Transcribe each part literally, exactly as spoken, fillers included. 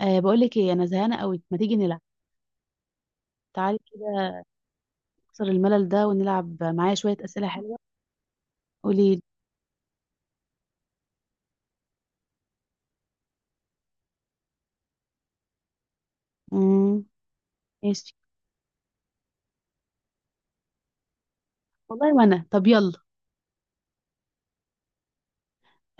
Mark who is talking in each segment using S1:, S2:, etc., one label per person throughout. S1: أه بقول لك ايه، انا زهقانه قوي، ما تيجي نلعب؟ تعالي كده، نكسر الملل ده ونلعب معايا شويه اسئله حلوه. قولي لي. امم. ماشي. والله وانا، طب يلا.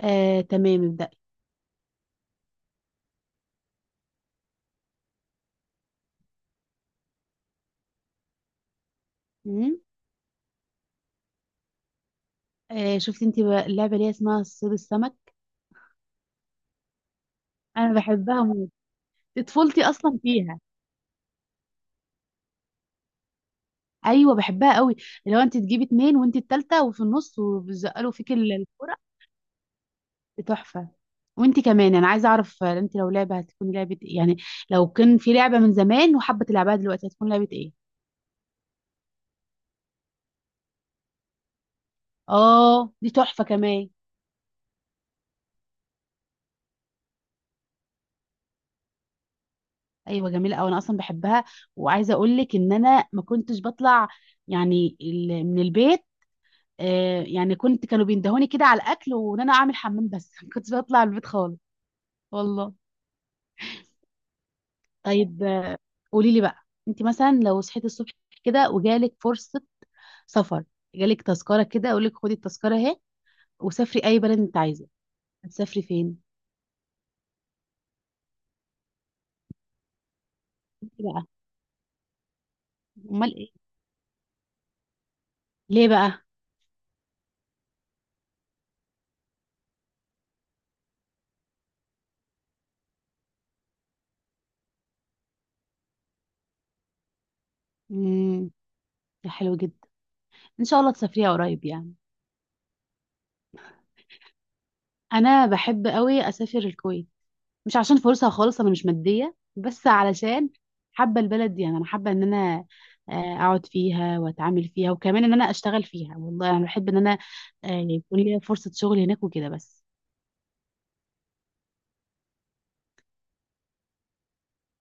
S1: أه، تمام ابدأي. امم. أه، شفتي انت بقى اللعبه اللي هي اسمها صيد السمك؟ انا بحبها موت، دي طفولتي اصلا فيها. ايوه بحبها قوي، اللي هو انت تجيبي اتنين وانت التالته وفي النص وبيزقلوا فيك ال- الكرة. دي تحفه. وانت كمان، انا عايزه اعرف، آه، انت لو لعبه، هتكون لعبه ايه يعني؟ لو كان في لعبه من زمان وحابه تلعبها دلوقتي، هتكون لعبه ايه؟ اه دي تحفه كمان. ايوه جميله قوي، انا اصلا بحبها. وعايزه اقول لك ان انا ما كنتش بطلع، يعني ال- من البيت. آه يعني كنت، كانوا بيندهوني كده على الاكل وان انا اعمل حمام بس. ما كنتش بطلع من البيت خالص. والله. طيب، آه، قولي لي بقى. انت مثلا، لو صحيتي الصبح كده وجالك فرصه سفر، جالك تذكره كده، اقول لك خدي التذكره اهي وسافري اي بلد انت عايزه. هتسافري فين؟ إنتي بقى، امال ايه؟ ليه بقى؟ امم، حلو جدا. ان شاء الله تسافريها قريب يعني. انا بحب قوي اسافر الكويت. مش عشان فرصه خالص، انا مش ماديه، بس علشان حابه البلد دي يعني. انا حابه ان انا آه، اقعد فيها واتعامل فيها، وكمان ان انا اشتغل فيها. والله انا بحب ان انا آه، يكون لي فرصه شغل هناك وكده بس.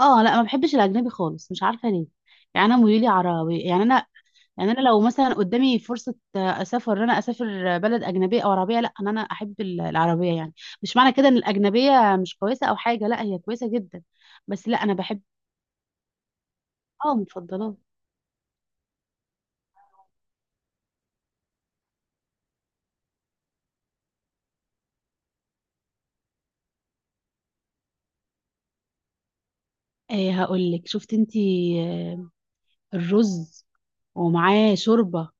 S1: اه لا، ما بحبش الاجنبي خالص، مش عارفه ليه. يعني انا ميولي عربي يعني انا. يعني انا لو مثلا قدامي فرصه آه، اسافر، ان انا اسافر بلد اجنبيه او عربيه، لا ان انا احب ال- العربيه يعني. مش معنى كده ان الاجنبيه مش كويسه او حاجه، لا هي كويسه جدا. بس لا، انا بحب. اه مفضلات. آه هقول لك، شفت انتي، آه الرز ومعاه شوربه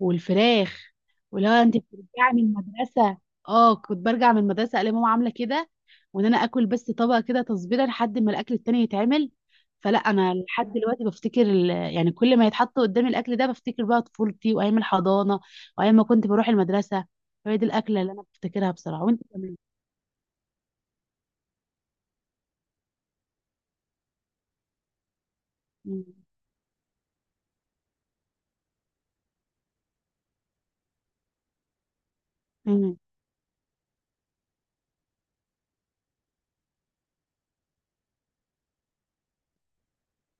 S1: والفراخ. ولو انت بترجعي من المدرسه، اه كنت برجع من المدرسه الاقي ماما عامله كده، وان انا اكل بس طبق كده تصبيره لحد ما الاكل التاني يتعمل. فلا انا لحد دلوقتي بفتكر، ال- يعني كل ما يتحط قدامي الاكل ده بفتكر بقى طفولتي وايام الحضانه وايام ما كنت بروح المدرسه. فهي دي الاكله اللي انا بفتكرها بصراحه. وانت كمان؟ مم. مم.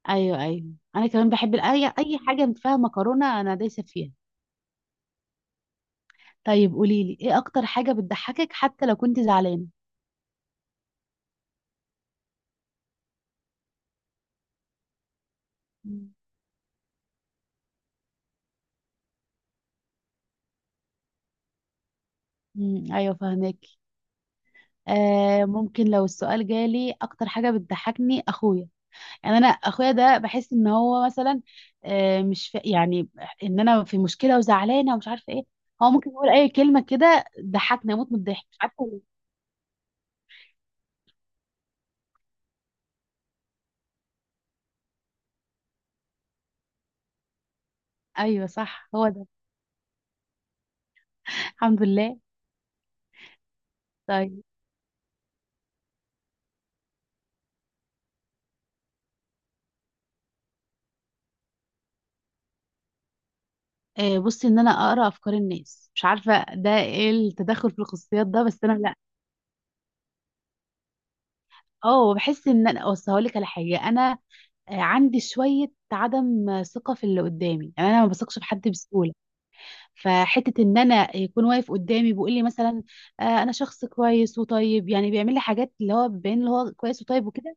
S1: ايوه، ايوه. انا كمان بحب ال- اي اي حاجه فيها مكرونه، انا دايسه فيها. طيب قولي لي، ايه اكتر حاجه بتضحكك حتى لو كنت زعلانه؟ مم. امم، ايوه فهمك. آه ممكن لو السؤال جالي، اكتر حاجه بتضحكني اخويا. يعني انا اخويا ده بحس ان هو مثلا، آه مش في يعني، ان انا في مشكله وزعلانه ومش عارفه ايه. هو ممكن يقول اي كلمه كده ضحكني اموت من الضحك، مش عارفه ليه. ايوه صح، هو ده. الحمد لله. طيب، آه، بصي، ان انا اقرا افكار الناس، مش عارفه ده ايه، التدخل في الخصوصيات ده، بس انا لا. اه بحس ان انا، اصل هقول لك على حاجه، انا آه، عندي شويه عدم آه، ثقه في اللي قدامي، يعني انا ما بثقش في حد بسهوله. فحته ان انا يكون واقف قدامي بيقول لي مثلا آه، انا شخص كويس وطيب، يعني بيعمل لي حاجات اللي هو بين اللي هو كويس وطيب وكده.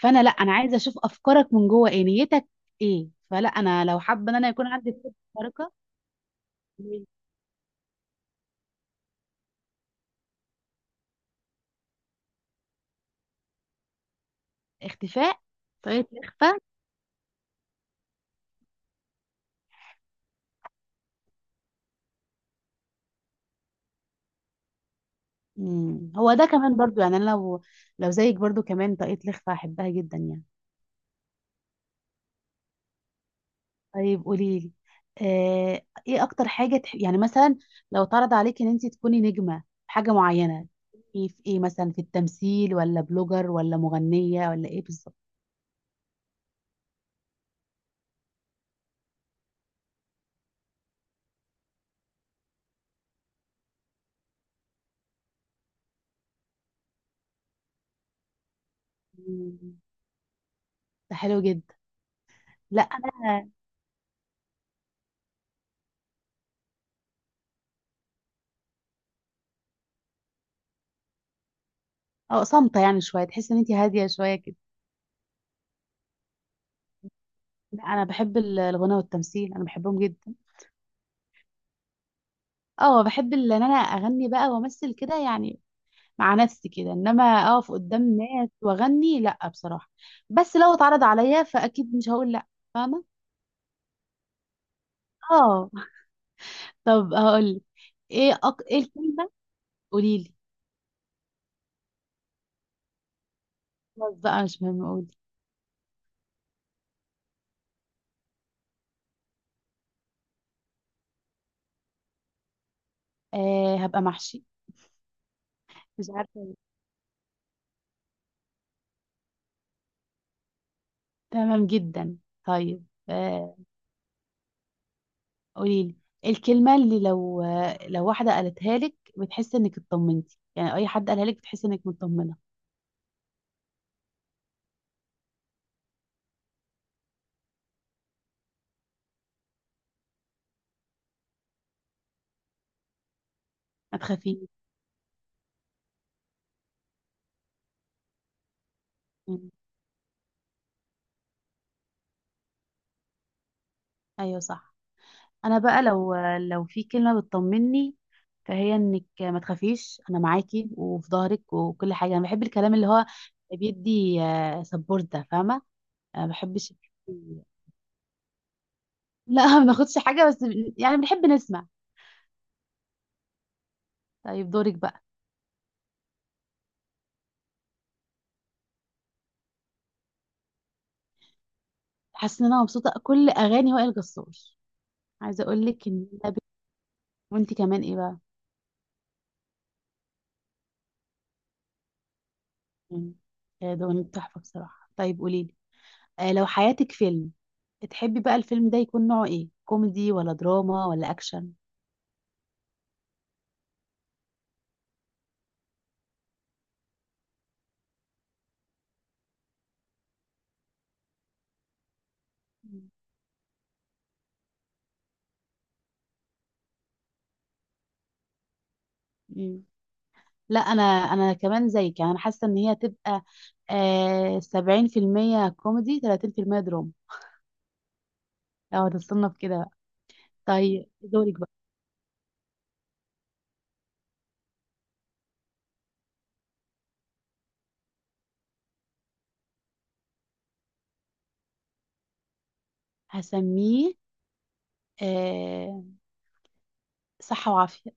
S1: فانا لا، انا عايزه اشوف افكارك من جوه، ايه نيتك ايه. فلا انا لو حابه ان انا يكون عندي قدرة خارقه. اختفاء، طريقه الاخفاء. مم. هو ده كمان برضو، يعني انا لو لو زيك برضو كمان طاقية لخفة هحبها جدا يعني. طيب قولي لي، آه، ايه اكتر حاجة تح... يعني مثلا، لو اتعرض عليك ان انت تكوني نجمة في حاجة معينة، تكوني في ايه مثلا، في التمثيل ولا بلوجر ولا مغنية ولا ايه بالظبط؟ مم. ده حلو جدا. لا انا، اه صامتة يعني شوية، تحس ان انت هادية شوية كده. لا انا بحب ال- الغنى والتمثيل، انا بحبهم جدا. اه بحب ال- ان انا اغني بقى وامثل كده يعني، مع نفسي كده، انما اقف قدام ناس واغني لا بصراحه. بس لو اتعرض عليا فاكيد مش هقول لا. فاهمه. اه طب هقول، ايه أك... ايه الكلمه. قولي لي. خلاص بقى، مش مهم، قولي. آه هبقى محشي، مش عارفه ليه. تمام جدا. طيب آه قولي لي، الكلمه اللي لو لو واحده قالتها لك بتحس انك اطمنتي، يعني اي حد قالها لك بتحس انك مطمنه. ما تخافيش. مم. ايوه صح. انا بقى، لو لو في كلمه بتطمني، فهي انك ما تخافيش، انا معاكي وفي ظهرك وكل حاجه. انا بحب الكلام اللي هو بيدي سبورت ده، فاهمه؟ انا ما بحبش. لا، ما ناخدش حاجه بس، بن- يعني بنحب نسمع. طيب دورك بقى. حاسه ان انا مبسوطه، كل اغاني وائل جسار. عايزه اقول لك ان أنا ب- وانت كمان ايه بقى؟ مم. آه، ده أغنية تحفه بصراحه. طيب قولي لي، آه، لو حياتك فيلم، تحبي بقى الفيلم ده يكون نوعه ايه، كوميدي ولا دراما ولا اكشن؟ مم. لا انا انا كمان زيك، يعني انا حاسه ان هي تبقى آه سبعين في المية كوميدي، تلاتين في المية دراما. لو هتتصنف كده بقى. طيب دورك بقى. هسميه آه صحة وعافية.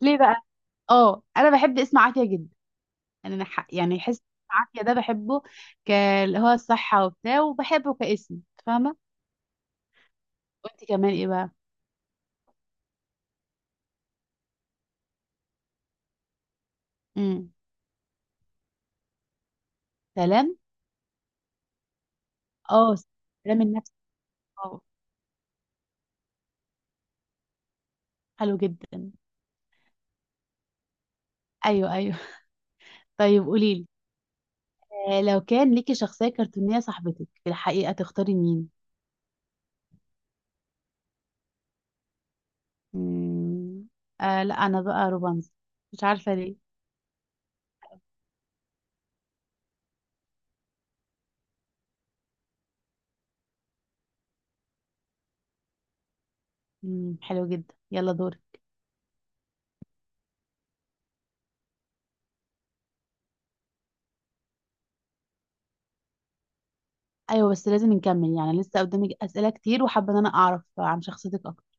S1: ليه بقى؟ اه انا بحب اسم عافية جدا، يعني انا ح- يعني حس عافية ده بحبه، ك- اللي هو الصحة وبتاع، وبحبه كاسم، فاهمة؟ وانت كمان ايه بقى؟ امم، سلام. اه، سلام النفسي. اه حلو جدا. ايوه، ايوه. طيب قوليلي، آه، لو كان ليكي شخصية كرتونية صاحبتك في الحقيقة تختاري مين؟ مم. آه لا، أنا بقى روبانز، مش عارفة ليه. مم، حلو جدا، يلا دوري. أيوة، بس لازم نكمل يعني، لسه قدامي أسئلة كتير وحابة إن أنا أعرف عن شخصيتك أكتر.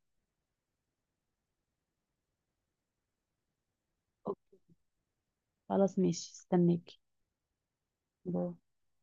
S1: أوكي. خلاص ماشي، استناكي. باي.